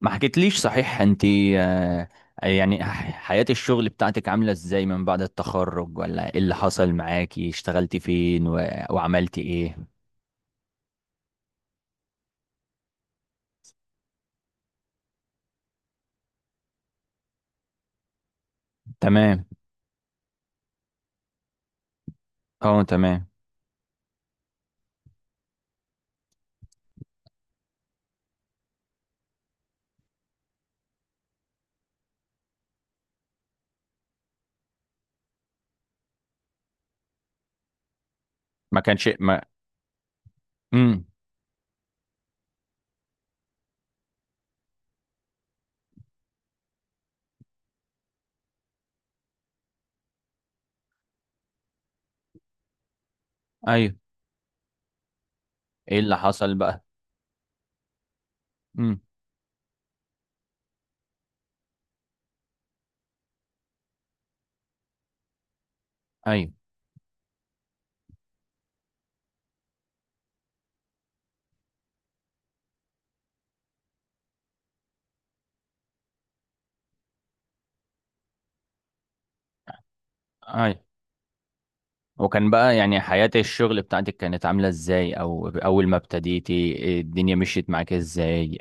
ما حكيتليش صحيح انت؟ آه، يعني حياة الشغل بتاعتك عاملة ازاي من بعد التخرج، ولا ايه اللي حصل معاكي؟ اشتغلتي فين وعملتي ايه؟ تمام. اه، تمام. ما كانش ما امم. ايوه. ايه اللي حصل بقى؟ امم. ايوه، ايوه. وكان بقى يعني حياة الشغل بتاعتك كانت عاملة ازاي؟ او اول ما ابتديتي إيه الدنيا مشيت معاك ازاي؟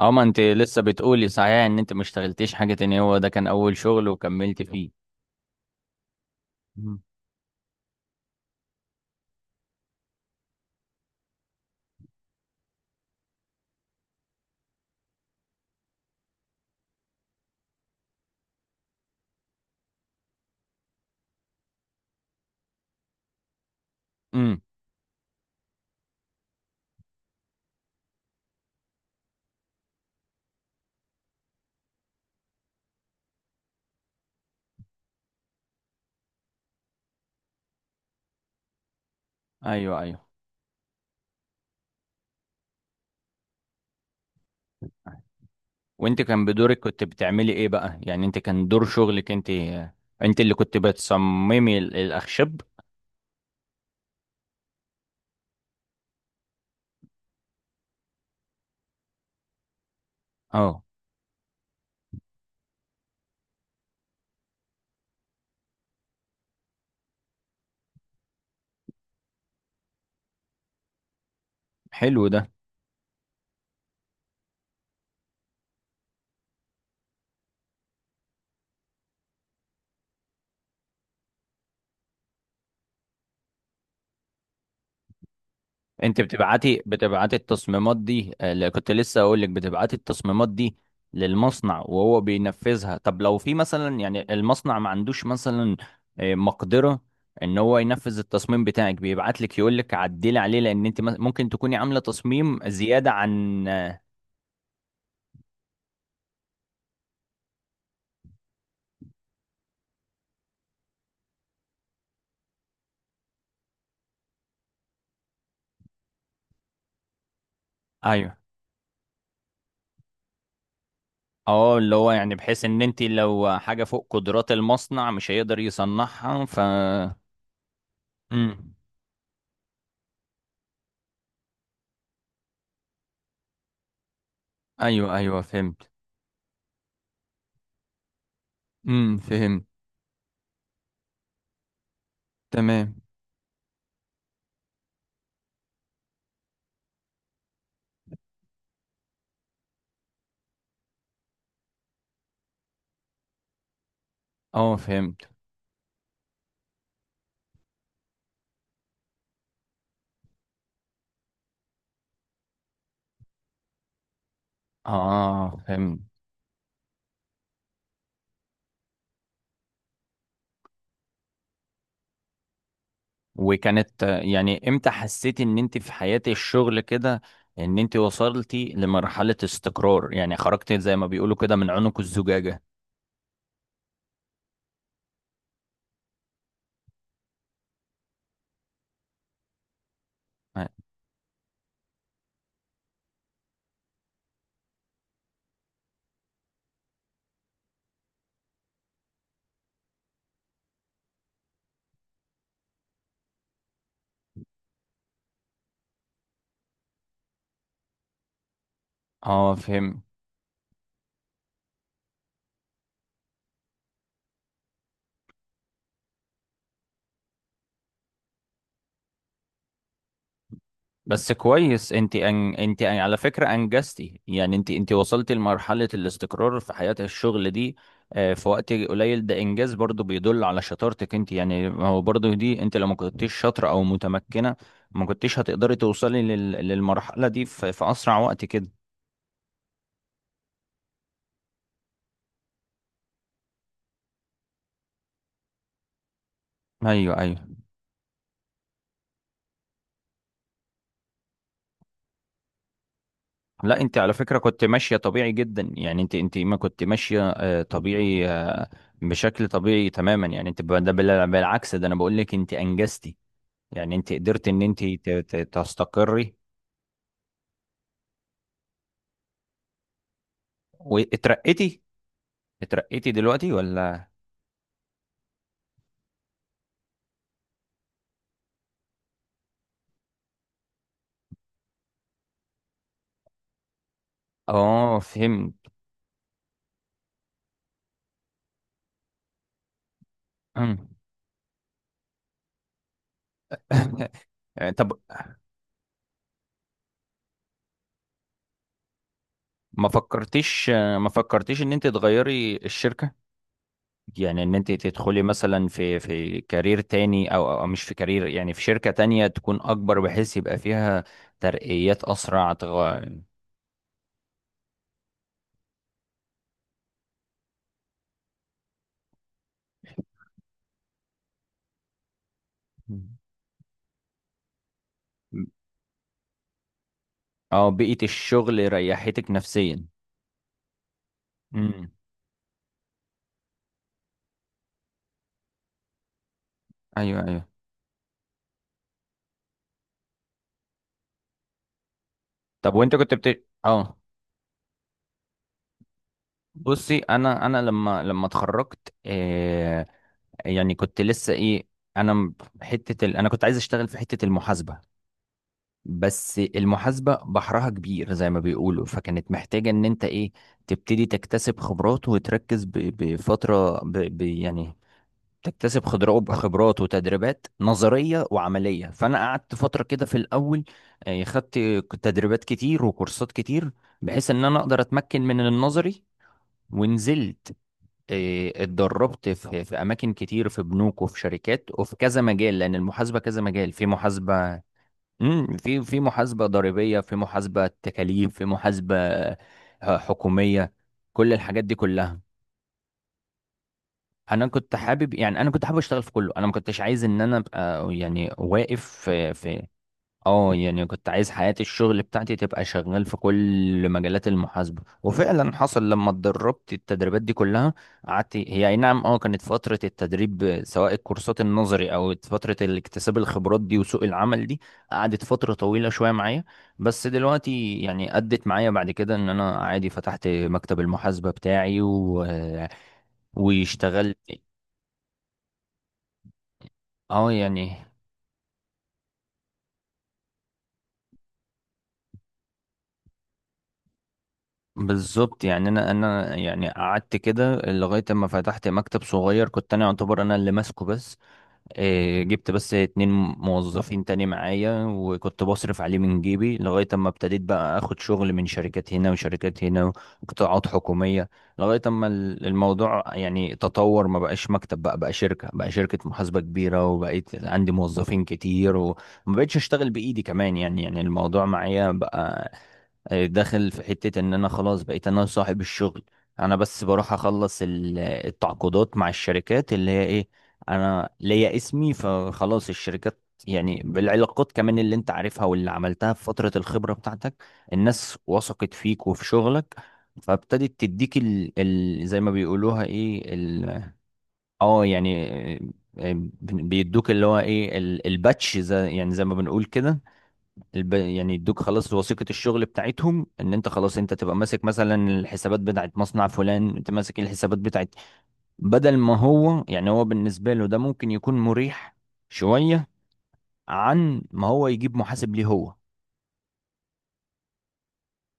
اه، ما انت لسه بتقولي صحيح ان انت ما اشتغلتيش حاجة تانية، هو ده كان اول شغل وكملت فيه؟ امم. ايوه، ايوه. وانت كان بدورك كنت بتعملي ايه بقى؟ يعني انت كان دور شغلك انت؟ انت اللي كنت بتصممي الاخشاب؟ اه، حلو ده. انت بتبعتي التصميمات دي، اللي كنت لسه اقول لك بتبعتي التصميمات دي للمصنع وهو بينفذها؟ طب لو في مثلا يعني المصنع ما عندوش مثلا مقدرة ان هو ينفذ التصميم بتاعك، بيبعت لك يقول لك عدلي عليه، لان انت ممكن تكوني عاملة تصميم زيادة عن. ايوه. اه، اللي هو يعني بحيث ان انت لو حاجة فوق قدرات المصنع مش هيقدر يصنعها ف. امم. ايوه، ايوه، فهمت. امم، فهمت. تمام. اه، فهمت. اه، فهمت. وكانت يعني امتى حسيتي ان انت في حياة الشغل كده ان انت وصلتي لمرحلة استقرار؟ يعني خرجتي زي ما بيقولوا كده من عنق الزجاجة؟ اه، فهمت. بس كويس، انت على فكرة انجزتي، يعني انت وصلتي لمرحلة الاستقرار في حياة الشغل دي في وقت قليل، ده انجاز برضو بيدل على شطارتك انت، يعني ما هو برضو دي انت لو ما كنتيش شاطرة او متمكنة ما كنتيش هتقدري توصلي للمرحلة دي في اسرع وقت كده. ايوه، ايوه. لا، انت على فكرة كنت ماشية طبيعي جدا، يعني انت ما كنت ماشية طبيعي بشكل طبيعي تماما، يعني انت ده بالعكس، ده انا بقول لك انت انجزتي، يعني انت قدرت ان انت تستقري واترقيتي. اترقيتي دلوقتي ولا؟ اه، فهمت. أمم. طب، ما فكرتيش ما فكرتيش ان انت تغيري الشركة؟ يعني ان انت تدخلي مثلا في كارير تاني، او مش في كارير، يعني في شركة تانية تكون اكبر بحيث يبقى فيها ترقيات اسرع اه، بيئة الشغل ريحتك نفسيا. امم. ايوه، ايوه. طب، وانت كنت بت اه بصي، انا لما اتخرجت يعني كنت لسه ايه. انا م- انا كنت عايز اشتغل في حته المحاسبه، بس المحاسبه بحرها كبير زي ما بيقولوا، فكانت محتاجه ان انت ايه تبتدي تكتسب خبرات وتركز ب... بفتره ب... ب... يعني تكتسب خبرات وتدريبات نظريه وعمليه، فانا قعدت فتره كده في الاول، خدت تدريبات كتير وكورسات كتير، بحيث ان انا اقدر اتمكن من النظري. ونزلت، اتدربت في اماكن كتير، في بنوك وفي شركات وفي كذا مجال، لان المحاسبه كذا مجال، في محاسبه. امم. في محاسبه ضريبيه، في محاسبه تكاليف، في محاسبه حكوميه، كل الحاجات دي كلها. انا كنت حابب اشتغل في كله، انا ما كنتش عايز ان انا ابقى يعني واقف في. اه، يعني كنت عايز حياة الشغل بتاعتي تبقى شغال في كل مجالات المحاسبة، وفعلا حصل لما اتدربت التدريبات دي كلها، قعدت هي اي نعم كانت فترة التدريب، سواء الكورسات النظري او فترة الاكتساب الخبرات دي وسوق العمل دي، قعدت فترة طويلة شوية معايا. بس دلوقتي يعني ادت معايا، بعد كده ان انا عادي فتحت مكتب المحاسبة بتاعي واشتغلت. اه، يعني بالظبط، يعني انا يعني قعدت كده لغايه اما فتحت مكتب صغير، كنت انا يعتبر انا اللي ماسكه، بس جبت بس اتنين موظفين تاني معايا، وكنت بصرف عليه من جيبي، لغايه اما ابتديت بقى اخد شغل من شركات هنا وشركات هنا وقطاعات حكوميه، لغايه اما الموضوع يعني تطور، ما بقاش مكتب، بقى شركه، بقى شركه محاسبه كبيره، وبقيت عندي موظفين كتير، وما بقتش اشتغل بايدي كمان، يعني الموضوع معايا بقى داخل في حتة ان انا خلاص بقيت انا صاحب الشغل. انا بس بروح اخلص التعاقدات مع الشركات اللي هي ايه، انا ليا اسمي، فخلاص الشركات، يعني بالعلاقات كمان اللي انت عارفها واللي عملتها في فترة الخبرة بتاعتك، الناس وثقت فيك وفي شغلك، فابتدت تديك زي ما بيقولوها ايه اه يعني آه، آه، بيدوك اللي هو ايه الباتش، زي، يعني زي ما بنقول كده، يعني يدوك خلاص وثيقة الشغل بتاعتهم ان انت خلاص انت تبقى ماسك مثلا الحسابات بتاعت مصنع فلان، انت ماسك الحسابات بتاعت، بدل ما هو يعني، هو بالنسبة له ده ممكن يكون مريح شوية عن ما هو يجيب محاسب ليه هو.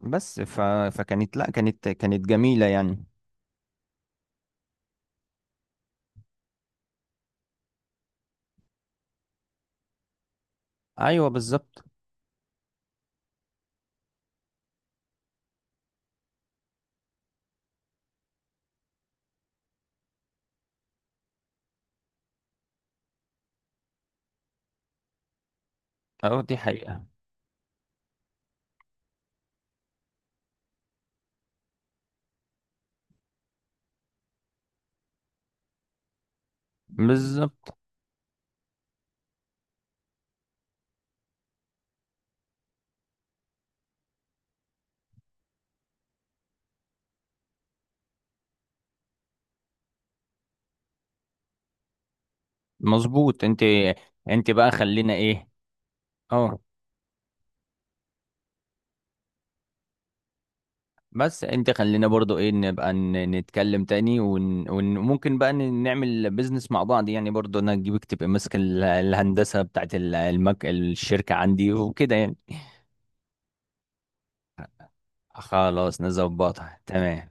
بس فكانت، لا كانت جميلة يعني. ايوه، بالظبط. اه، دي حقيقة. بالظبط. مظبوط انت. انت بقى خلينا ايه، اه، بس انت خلينا برضو ايه، نبقى نتكلم تاني وممكن بقى نعمل بيزنس مع بعض، يعني برضو انا اجيبك تبقى ماسك الهندسة بتاعت الشركة عندي وكده يعني. خلاص نظبطها، تمام.